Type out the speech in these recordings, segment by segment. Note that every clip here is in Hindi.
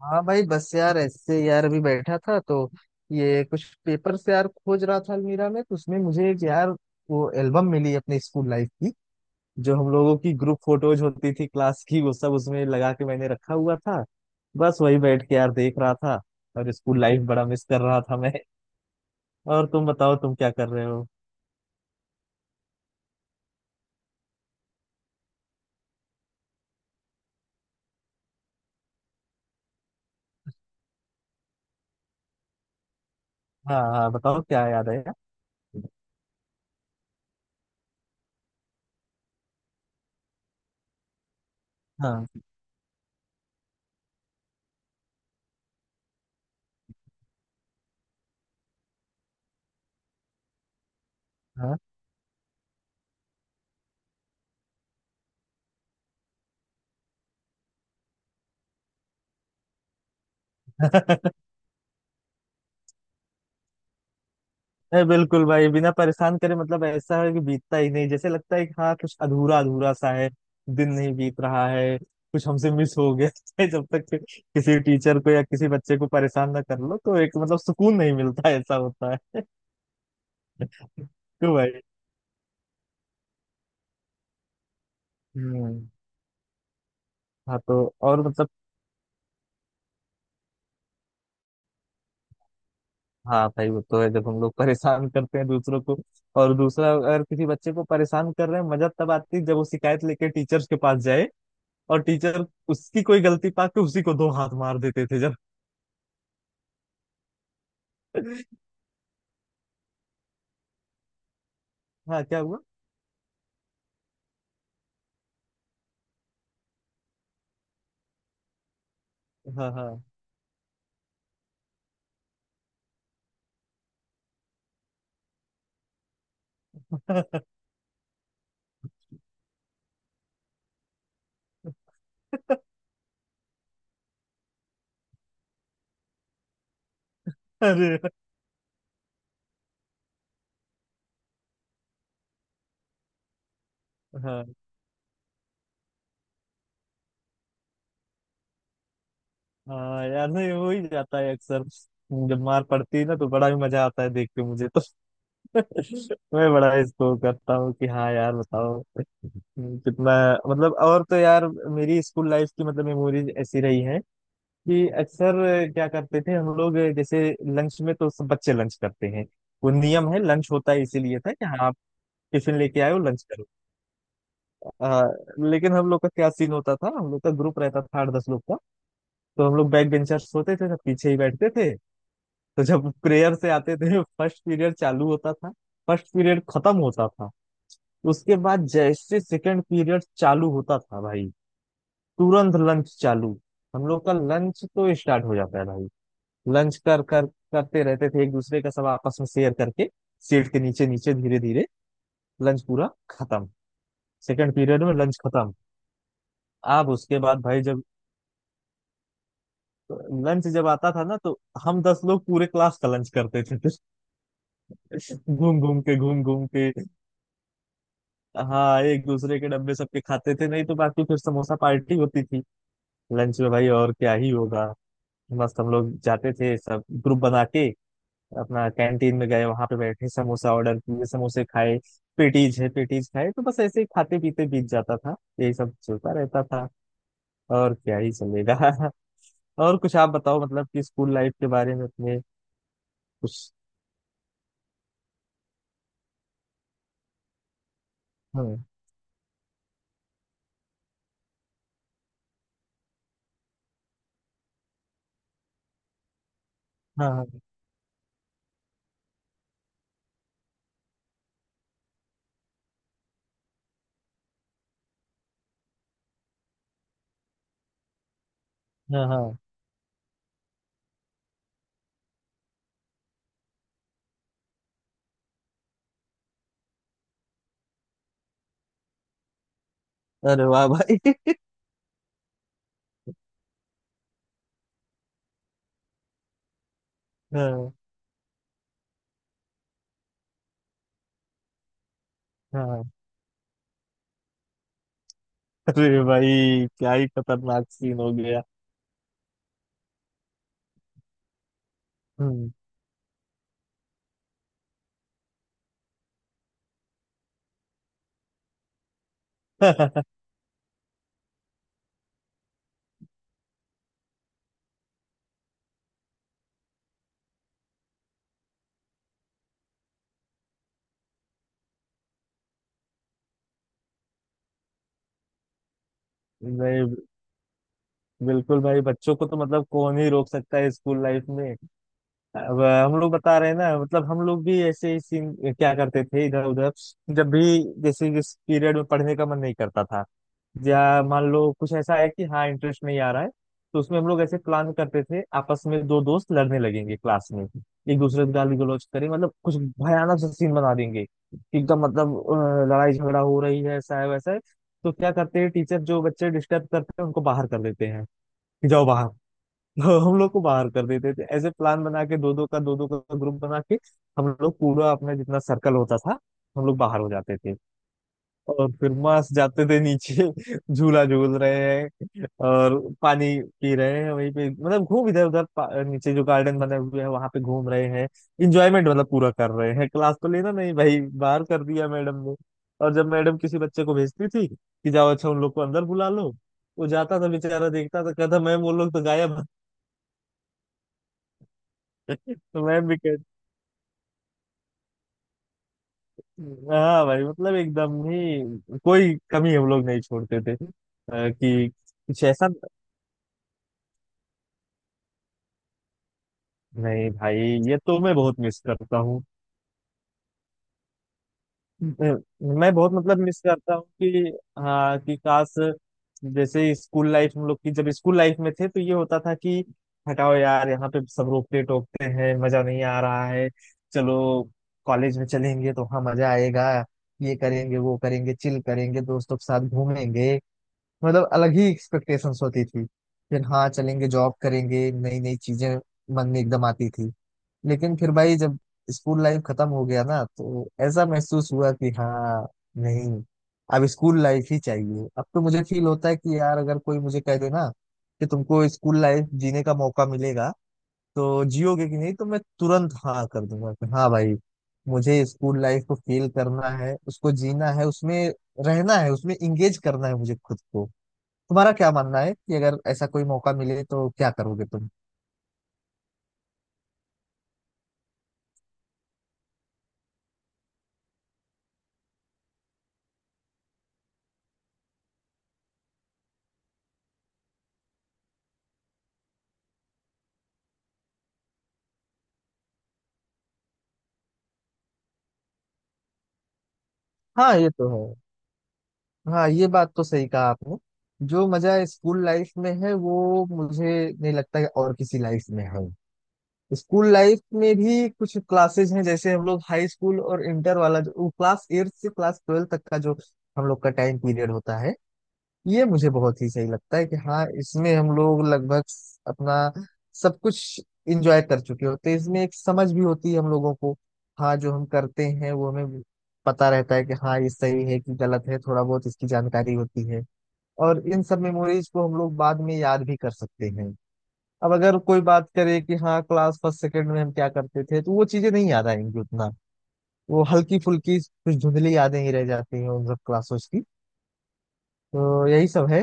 हाँ भाई बस यार, ऐसे यार अभी बैठा था तो ये कुछ पेपर से यार खोज रहा था अलमीरा में, तो उसमें मुझे एक यार वो एल्बम मिली अपने स्कूल लाइफ की। जो हम लोगों की ग्रुप फोटोज होती थी क्लास की, वो सब उसमें लगा के मैंने रखा हुआ था। बस वही बैठ के यार देख रहा था, और स्कूल लाइफ बड़ा मिस कर रहा था मैं। और तुम बताओ, तुम क्या कर रहे हो? हाँ हाँ, बताओ क्या याद है यार? हाँ हाँ। नहीं बिल्कुल भाई, बिना परेशान करे मतलब ऐसा है कि बीतता ही नहीं, जैसे लगता है कि हाँ कुछ अधूरा अधूरा सा है। दिन नहीं बीत रहा है, कुछ हमसे मिस हो गया है। जब तक कि किसी टीचर को या किसी बच्चे को परेशान ना कर लो, तो एक मतलब सुकून नहीं मिलता, ऐसा होता है। तो भाई। हम्म। हाँ तो और मतलब, हाँ भाई वो तो है, जब हम लोग परेशान करते हैं दूसरों को। और दूसरा अगर किसी बच्चे को परेशान कर रहे हैं, मजा तब आती है जब वो शिकायत लेके टीचर्स के पास जाए, और टीचर उसकी कोई गलती पा के उसी को दो हाथ मार देते थे जब। हाँ क्या हुआ। हाँ हाँ। अरे। हाँ हाँ यार, नहीं हो ही जाता है अक्सर। जब मार पड़ती है ना तो बड़ा ही मजा आता है देख के मुझे तो। मैं बड़ा इसको करता हूँ कि हाँ यार बताओ कितना। मतलब और तो यार मेरी स्कूल लाइफ की मतलब मेमोरीज ऐसी रही हैं कि अक्सर क्या करते थे हम लोग, जैसे लंच में तो सब बच्चे लंच करते हैं, वो नियम है, लंच होता है इसीलिए, था कि हाँ टिफिन लेके आए हो लंच करो। हाँ। लेकिन हम लोग का क्या सीन होता था, हम लोग का ग्रुप रहता था 8-10 लोग का। तो हम लोग बैक बेंचर्स होते थे, सब पीछे ही बैठते थे, तो जब प्रेयर से आते थे फर्स्ट पीरियड चालू होता था। फर्स्ट पीरियड खत्म होता था, उसके बाद जैसे सेकंड पीरियड चालू होता था भाई, तुरंत लंच चालू। हम लोग का लंच तो स्टार्ट हो जाता है भाई। लंच कर कर करते रहते थे एक दूसरे का, सब आपस में शेयर करके, सीट के नीचे नीचे, धीरे धीरे। लंच पूरा खत्म, सेकंड पीरियड में लंच खत्म। आप उसके बाद भाई, जब लंच जब आता था ना तो हम 10 लोग पूरे क्लास का लंच करते थे फिर। घूम घूम के, घूम घूम के। हाँ एक दूसरे के डब्बे सबके खाते थे, नहीं तो बाकी फिर समोसा पार्टी होती थी लंच में भाई, और क्या ही होगा। मस्त हम लोग जाते थे, सब ग्रुप बना के अपना, कैंटीन में गए, वहां पे बैठे, समोसा ऑर्डर किए, समोसे खाए। पेटीज है, पेटीज खाए, तो बस ऐसे ही खाते पीते बीत जाता था, यही सब चलता रहता था। और क्या ही चलेगा। और कुछ आप बताओ, मतलब कि स्कूल लाइफ के बारे में अपने उस। हाँ। हाँ हाँ। हाँ। अरे वाह भाई। हाँ हाँ। अरे भाई क्या ही खतरनाक सीन हो गया। हम्म। नहीं बिल्कुल भाई, बच्चों को तो मतलब कौन ही रोक सकता है स्कूल लाइफ में। अब हम लोग बता रहे हैं ना, मतलब हम लोग भी ऐसे ही सीन क्या करते थे इधर उधर। जब भी, जैसे जिस पीरियड में पढ़ने का मन नहीं करता था, या मान लो कुछ ऐसा है कि हाँ इंटरेस्ट नहीं आ रहा है, तो उसमें हम लोग ऐसे प्लान करते थे आपस में, दो दोस्त लड़ने लगेंगे क्लास में, एक दूसरे को गाली गलौज करें, मतलब कुछ भयानक सा सीन बना देंगे कि एकदम मतलब लड़ाई झगड़ा हो रही है, ऐसा है वैसा है। तो क्या करते हैं टीचर, जो बच्चे डिस्टर्ब करते हैं उनको बाहर कर देते हैं कि जाओ बाहर। तो हम लोग को बाहर कर देते थे, ऐसे प्लान बना के, दो दो का, दो दो का ग्रुप बना के, हम लोग पूरा अपना जितना सर्कल होता था, हम लोग बाहर हो जाते थे। और फिर मस्त जाते थे नीचे। झूला झूल रहे हैं और पानी पी रहे हैं वहीं पे, मतलब घूम इधर उधर नीचे जो गार्डन बने हुए हैं वहां पे घूम रहे हैं। इंजॉयमेंट मतलब पूरा कर रहे हैं, क्लास तो लेना नहीं भाई। बाहर कर दिया मैडम ने। और जब मैडम किसी बच्चे को भेजती थी कि जाओ अच्छा उन लोग को अंदर बुला लो, वो जाता था बेचारा, देखता था, कहता मैम वो लोग तो गायब हैं।" तो मैम भी कहती। हाँ भाई, मतलब एकदम ही कोई कमी हम लोग नहीं छोड़ते थे कि कुछ ऐसा। नहीं भाई, ये तो मैं बहुत मिस करता हूँ। मैं मैं बहुत मतलब मिस करता हूँ कि हाँ कि काश। जैसे स्कूल लाइफ हम लोग की, जब स्कूल लाइफ में थे तो ये होता था कि हटाओ यार, यहाँ पे सब रोकते टोकते हैं, मजा नहीं आ रहा है, चलो कॉलेज में चलेंगे तो वहाँ मजा आएगा, ये करेंगे वो करेंगे, चिल करेंगे, दोस्तों के साथ घूमेंगे, मतलब अलग ही एक्सपेक्टेशंस होती थी। फिर हाँ चलेंगे जॉब करेंगे, नई नई चीजें मन में एकदम आती थी। लेकिन फिर भाई जब स्कूल लाइफ खत्म हो गया ना तो ऐसा महसूस हुआ कि हाँ नहीं, अब स्कूल लाइफ ही चाहिए। अब तो मुझे फील होता है कि यार अगर कोई मुझे कह दे ना कि तुमको स्कूल लाइफ जीने का मौका मिलेगा तो जियोगे कि नहीं, तो मैं तुरंत हाँ कर दूंगा कि हाँ भाई, मुझे स्कूल लाइफ को फील करना है, उसको जीना है, उसमें रहना है, उसमें इंगेज करना है मुझे खुद को। तुम्हारा क्या मानना है कि अगर ऐसा कोई मौका मिले तो क्या करोगे तुम? हाँ ये तो है। हाँ ये बात तो सही कहा आपने। जो मजा स्कूल लाइफ में है, वो मुझे नहीं लगता कि और किसी लाइफ में है। स्कूल लाइफ में भी कुछ क्लासेज हैं, जैसे हम लोग हाई स्कूल और इंटर वाला, जो क्लास 8 से क्लास 12 तक का जो हम लोग का टाइम पीरियड होता है, ये मुझे बहुत ही सही लगता है कि हाँ इसमें हम लोग लगभग अपना सब कुछ इंजॉय कर चुके होते हैं, इसमें एक समझ भी होती है हम लोगों को। हाँ जो हम करते हैं वो हमें पता रहता है कि हाँ ये सही है कि गलत है, थोड़ा बहुत इसकी जानकारी होती है। और इन सब मेमोरीज को हम लोग बाद में याद भी कर सकते हैं। अब अगर कोई बात करे कि हाँ क्लास फर्स्ट सेकंड में हम क्या करते थे तो वो चीजें नहीं याद आएंगी उतना। वो हल्की फुल्की कुछ धुंधली यादें ही रह जाती हैं उन सब क्लासों की। तो यही सब है।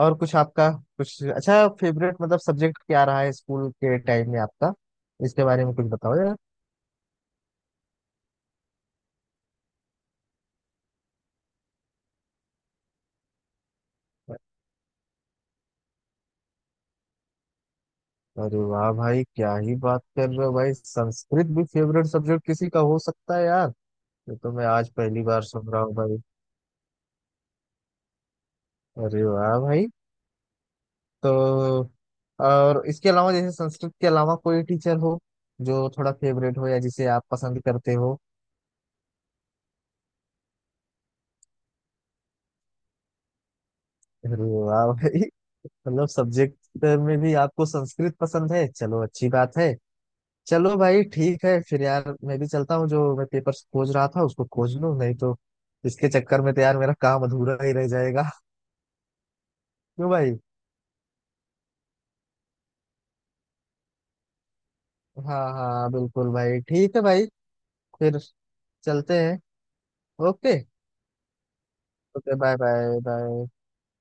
और कुछ आपका, कुछ अच्छा फेवरेट मतलब सब्जेक्ट क्या रहा है स्कूल के टाइम में आपका, इसके बारे में कुछ बताओ यार। अरे वाह भाई, क्या ही बात कर रहे हो भाई, संस्कृत भी फेवरेट सब्जेक्ट किसी का हो सकता है यार। ये तो मैं आज पहली बार सुन रहा हूँ भाई। अरे वाह भाई। तो और इसके अलावा, जैसे संस्कृत के अलावा कोई टीचर हो जो थोड़ा फेवरेट हो या जिसे आप पसंद करते हो? अरे वाह भाई, मतलब सब्जेक्ट में भी आपको संस्कृत पसंद है, चलो अच्छी बात है। चलो भाई ठीक है फिर, यार मैं भी चलता हूँ, जो मैं पेपर खोज रहा था उसको खोज लूँ, नहीं तो इसके चक्कर में तो यार मेरा काम अधूरा ही रह जाएगा। क्यों भाई। हाँ हाँ बिल्कुल भाई, ठीक है भाई, फिर चलते हैं। Okay, okay bye bye bye.